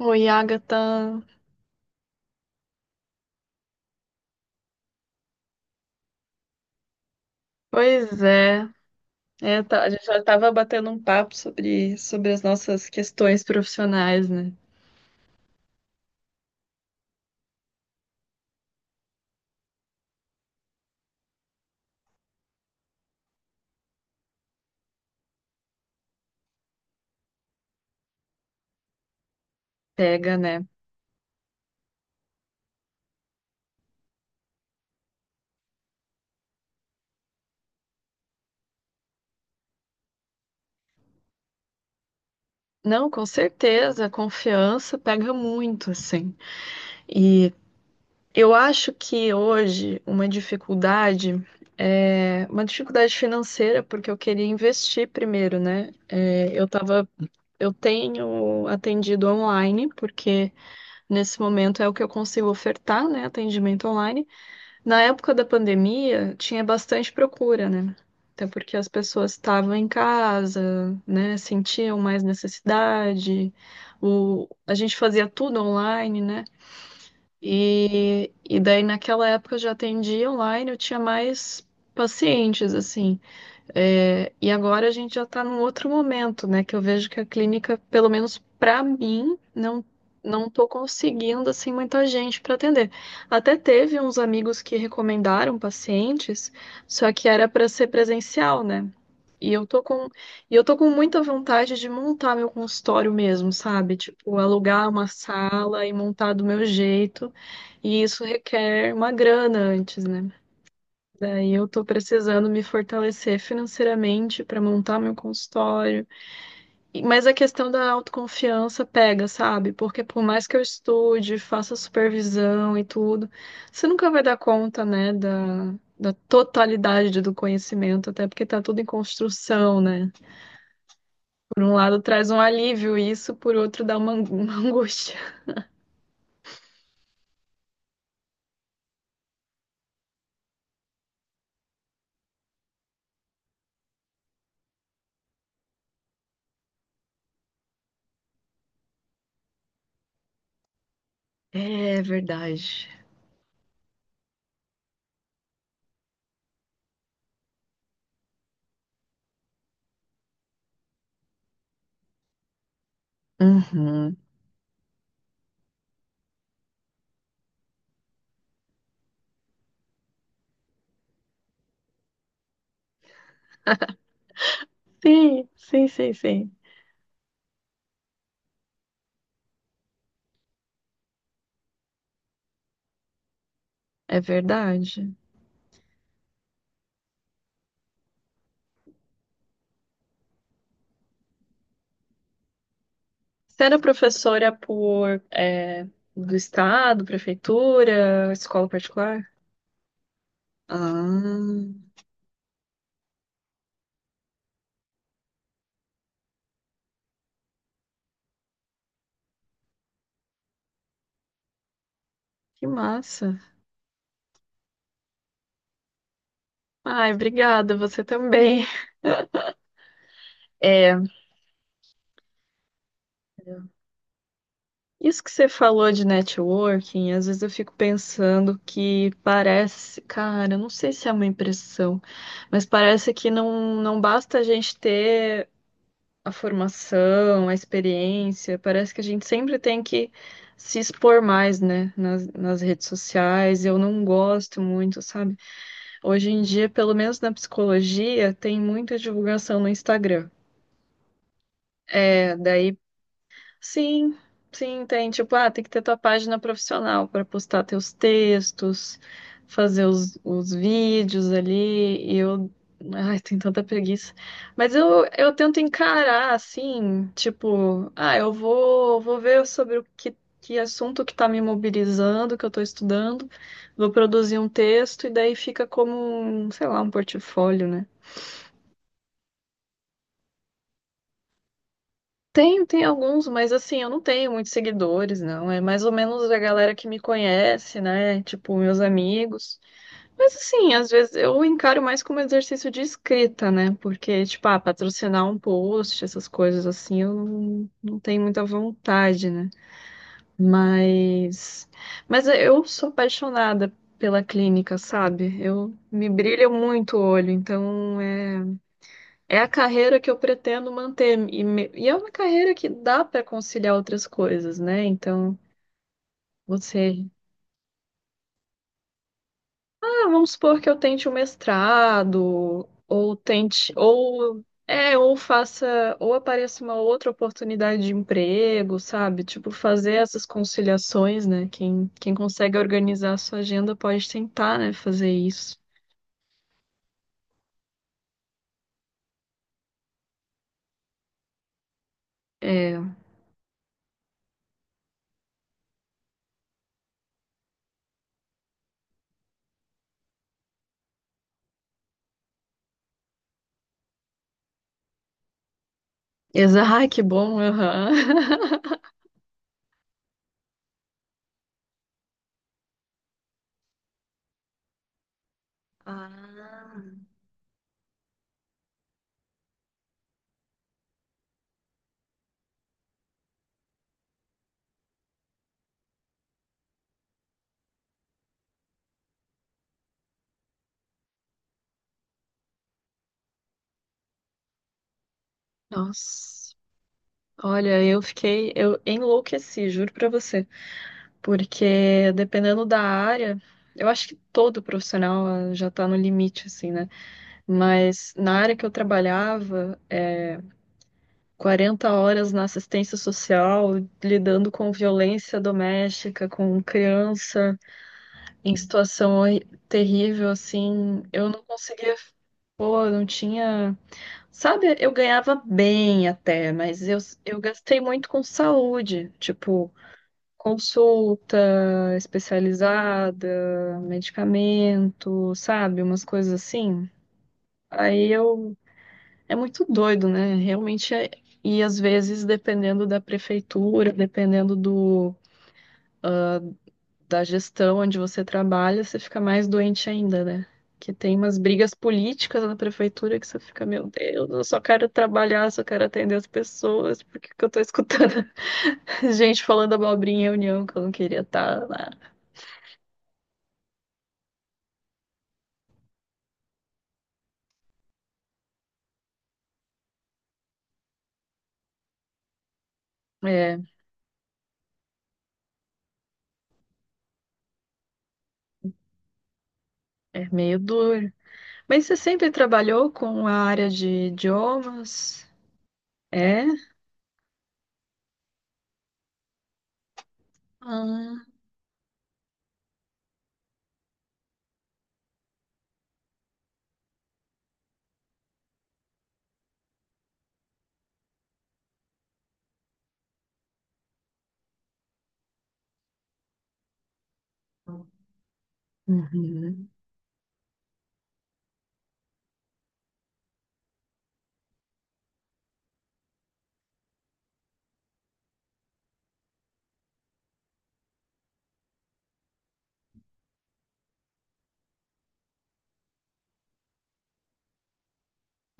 Oi, Agatha. Pois é. A gente já estava batendo um papo sobre as nossas questões profissionais, né? Pega, né? Não, com certeza, a confiança pega muito, assim. E eu acho que hoje uma dificuldade é uma dificuldade financeira, porque eu queria investir primeiro, né? É, eu tava, eu tenho atendido online, porque nesse momento é o que eu consigo ofertar, né? Atendimento online. Na época da pandemia, tinha bastante procura, né? Até porque as pessoas estavam em casa, né? Sentiam mais necessidade. A gente fazia tudo online, né? E daí, naquela época, eu já atendia online, eu tinha mais pacientes, assim. É, e agora a gente já está num outro momento, né? Que eu vejo que a clínica, pelo menos para mim, não estou conseguindo assim muita gente para atender. Até teve uns amigos que recomendaram pacientes, só que era para ser presencial, né? E eu tô com e eu tô com muita vontade de montar meu consultório mesmo, sabe? Tipo, alugar uma sala e montar do meu jeito. E isso requer uma grana antes, né? Daí eu tô precisando me fortalecer financeiramente para montar meu consultório. Mas a questão da autoconfiança pega, sabe? Porque por mais que eu estude, faça supervisão e tudo, você nunca vai dar conta, né, da totalidade do conhecimento, até porque tá tudo em construção, né? Por um lado traz um alívio isso, por outro dá uma, uma angústia. É verdade. Uhum. Sim, sim, sim, sim. É verdade. Você era professora por, é, do estado, prefeitura, escola particular? Ah, que massa. Ai, obrigada, você também. É, isso que você falou de networking, às vezes eu fico pensando que parece, cara, eu não sei se é uma impressão, mas parece que não, não basta a gente ter a formação, a experiência. Parece que a gente sempre tem que se expor mais, né, nas redes sociais. Eu não gosto muito, sabe? Hoje em dia, pelo menos na psicologia, tem muita divulgação no Instagram. É, daí. Sim, sim, tem. Tipo, ah, tem que ter tua página profissional para postar teus textos, fazer os vídeos ali. E eu. Ai, tem tanta preguiça. Mas eu tento encarar assim, tipo, ah, eu vou ver sobre que assunto que tá me mobilizando, que eu tô estudando, vou produzir um texto, e daí fica como, um, sei lá, um portfólio, né? Tenho, tem alguns, mas assim, eu não tenho muitos seguidores, não. É mais ou menos a galera que me conhece, né? Tipo, meus amigos. Mas assim, às vezes eu encaro mais como exercício de escrita, né? Porque, tipo, ah, patrocinar um post, essas coisas assim, eu não, não tenho muita vontade, né? Mas, mas eu sou apaixonada pela clínica, sabe? Eu me brilha muito o olho, então é a carreira que eu pretendo manter. E é uma carreira que dá para conciliar outras coisas, né? Então, você. Ah, vamos supor que eu tente um mestrado, ou tente. Ou. É, ou faça. Ou apareça uma outra oportunidade de emprego, sabe? Tipo, fazer essas conciliações, né? Quem consegue organizar a sua agenda pode tentar, né? Fazer isso. É. Exato, que bom, aham. Ah, nossa. Olha, eu fiquei, eu enlouqueci, juro pra você, porque dependendo da área, eu acho que todo profissional já tá no limite, assim, né? Mas na área que eu trabalhava, é, 40 horas na assistência social, lidando com violência doméstica, com criança, em situação terrível, assim, eu não conseguia. Pô, eu não tinha. Sabe, eu ganhava bem até, mas eu gastei muito com saúde. Tipo, consulta especializada, medicamento, sabe? Umas coisas assim. Aí eu. É muito doido, né? Realmente é. E às vezes, dependendo da prefeitura, dependendo do... da gestão onde você trabalha, você fica mais doente ainda, né? Que tem umas brigas políticas na prefeitura que você fica, meu Deus, eu só quero trabalhar, só quero atender as pessoas, por que que eu tô escutando gente falando abobrinha em reunião que eu não queria estar lá? É. É meio duro. Mas você sempre trabalhou com a área de idiomas? É? Ah, uhum.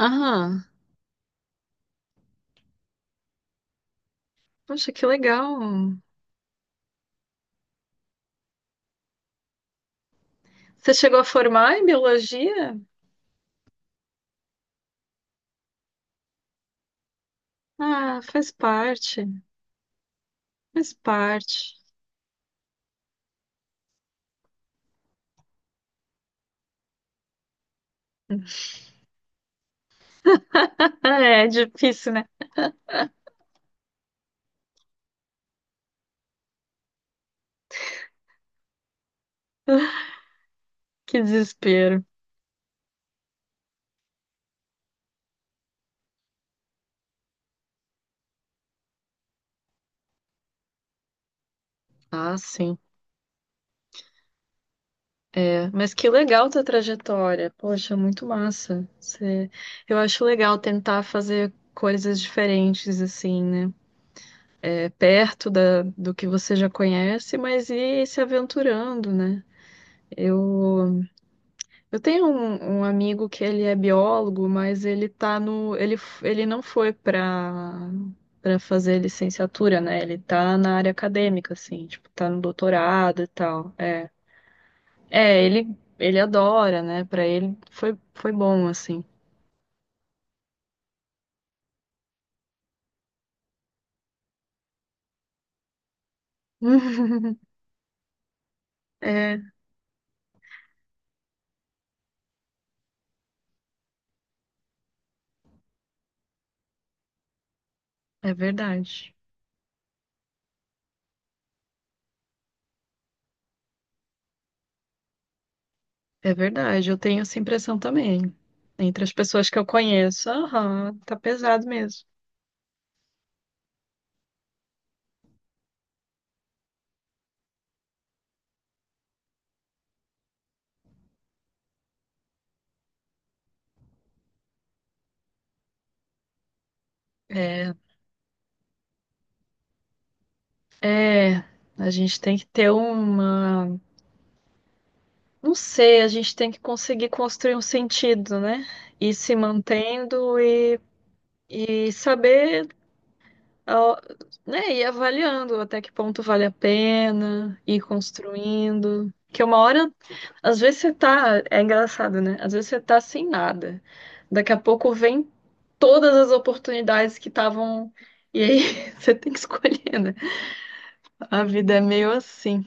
Aham. Poxa, que legal. Você chegou a formar em biologia? Ah, faz parte. Faz parte. Ah, é difícil, né? Que desespero. Ah, sim. É, mas que legal tua trajetória. Poxa, muito massa. Você... Eu acho legal tentar fazer coisas diferentes, assim, né? É, perto da, do que você já conhece, mas ir se aventurando, né? Eu, eu tenho um amigo que ele é biólogo, mas ele tá ele não foi para fazer licenciatura, né? Ele tá na área acadêmica, assim, tipo, tá no doutorado e tal. É, ele adora, né? Para ele foi bom, assim. É, é verdade. É verdade, eu tenho essa impressão também. Entre as pessoas que eu conheço, aham, tá pesado mesmo. É, é, a gente tem que ter uma, não sei, a gente tem que conseguir construir um sentido, né? E se mantendo e, saber, ó, né, ir avaliando até que ponto vale a pena, ir construindo. Que uma hora. Às vezes você tá, é engraçado, né? Às vezes você tá sem nada. Daqui a pouco vem todas as oportunidades que estavam. E aí você tem que escolher, né? A vida é meio assim.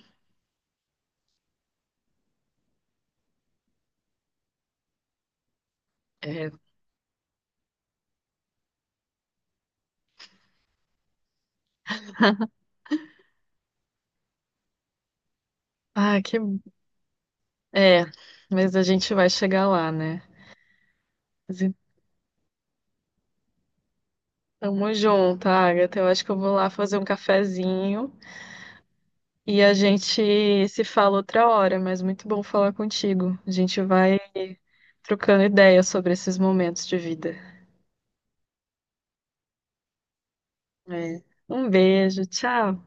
É. Ah, que. É, mas a gente vai chegar lá, né? Mas tamo junto, Agatha. Eu acho que eu vou lá fazer um cafezinho e a gente se fala outra hora, mas muito bom falar contigo. A gente vai trocando ideias sobre esses momentos de vida. É. Um beijo, tchau.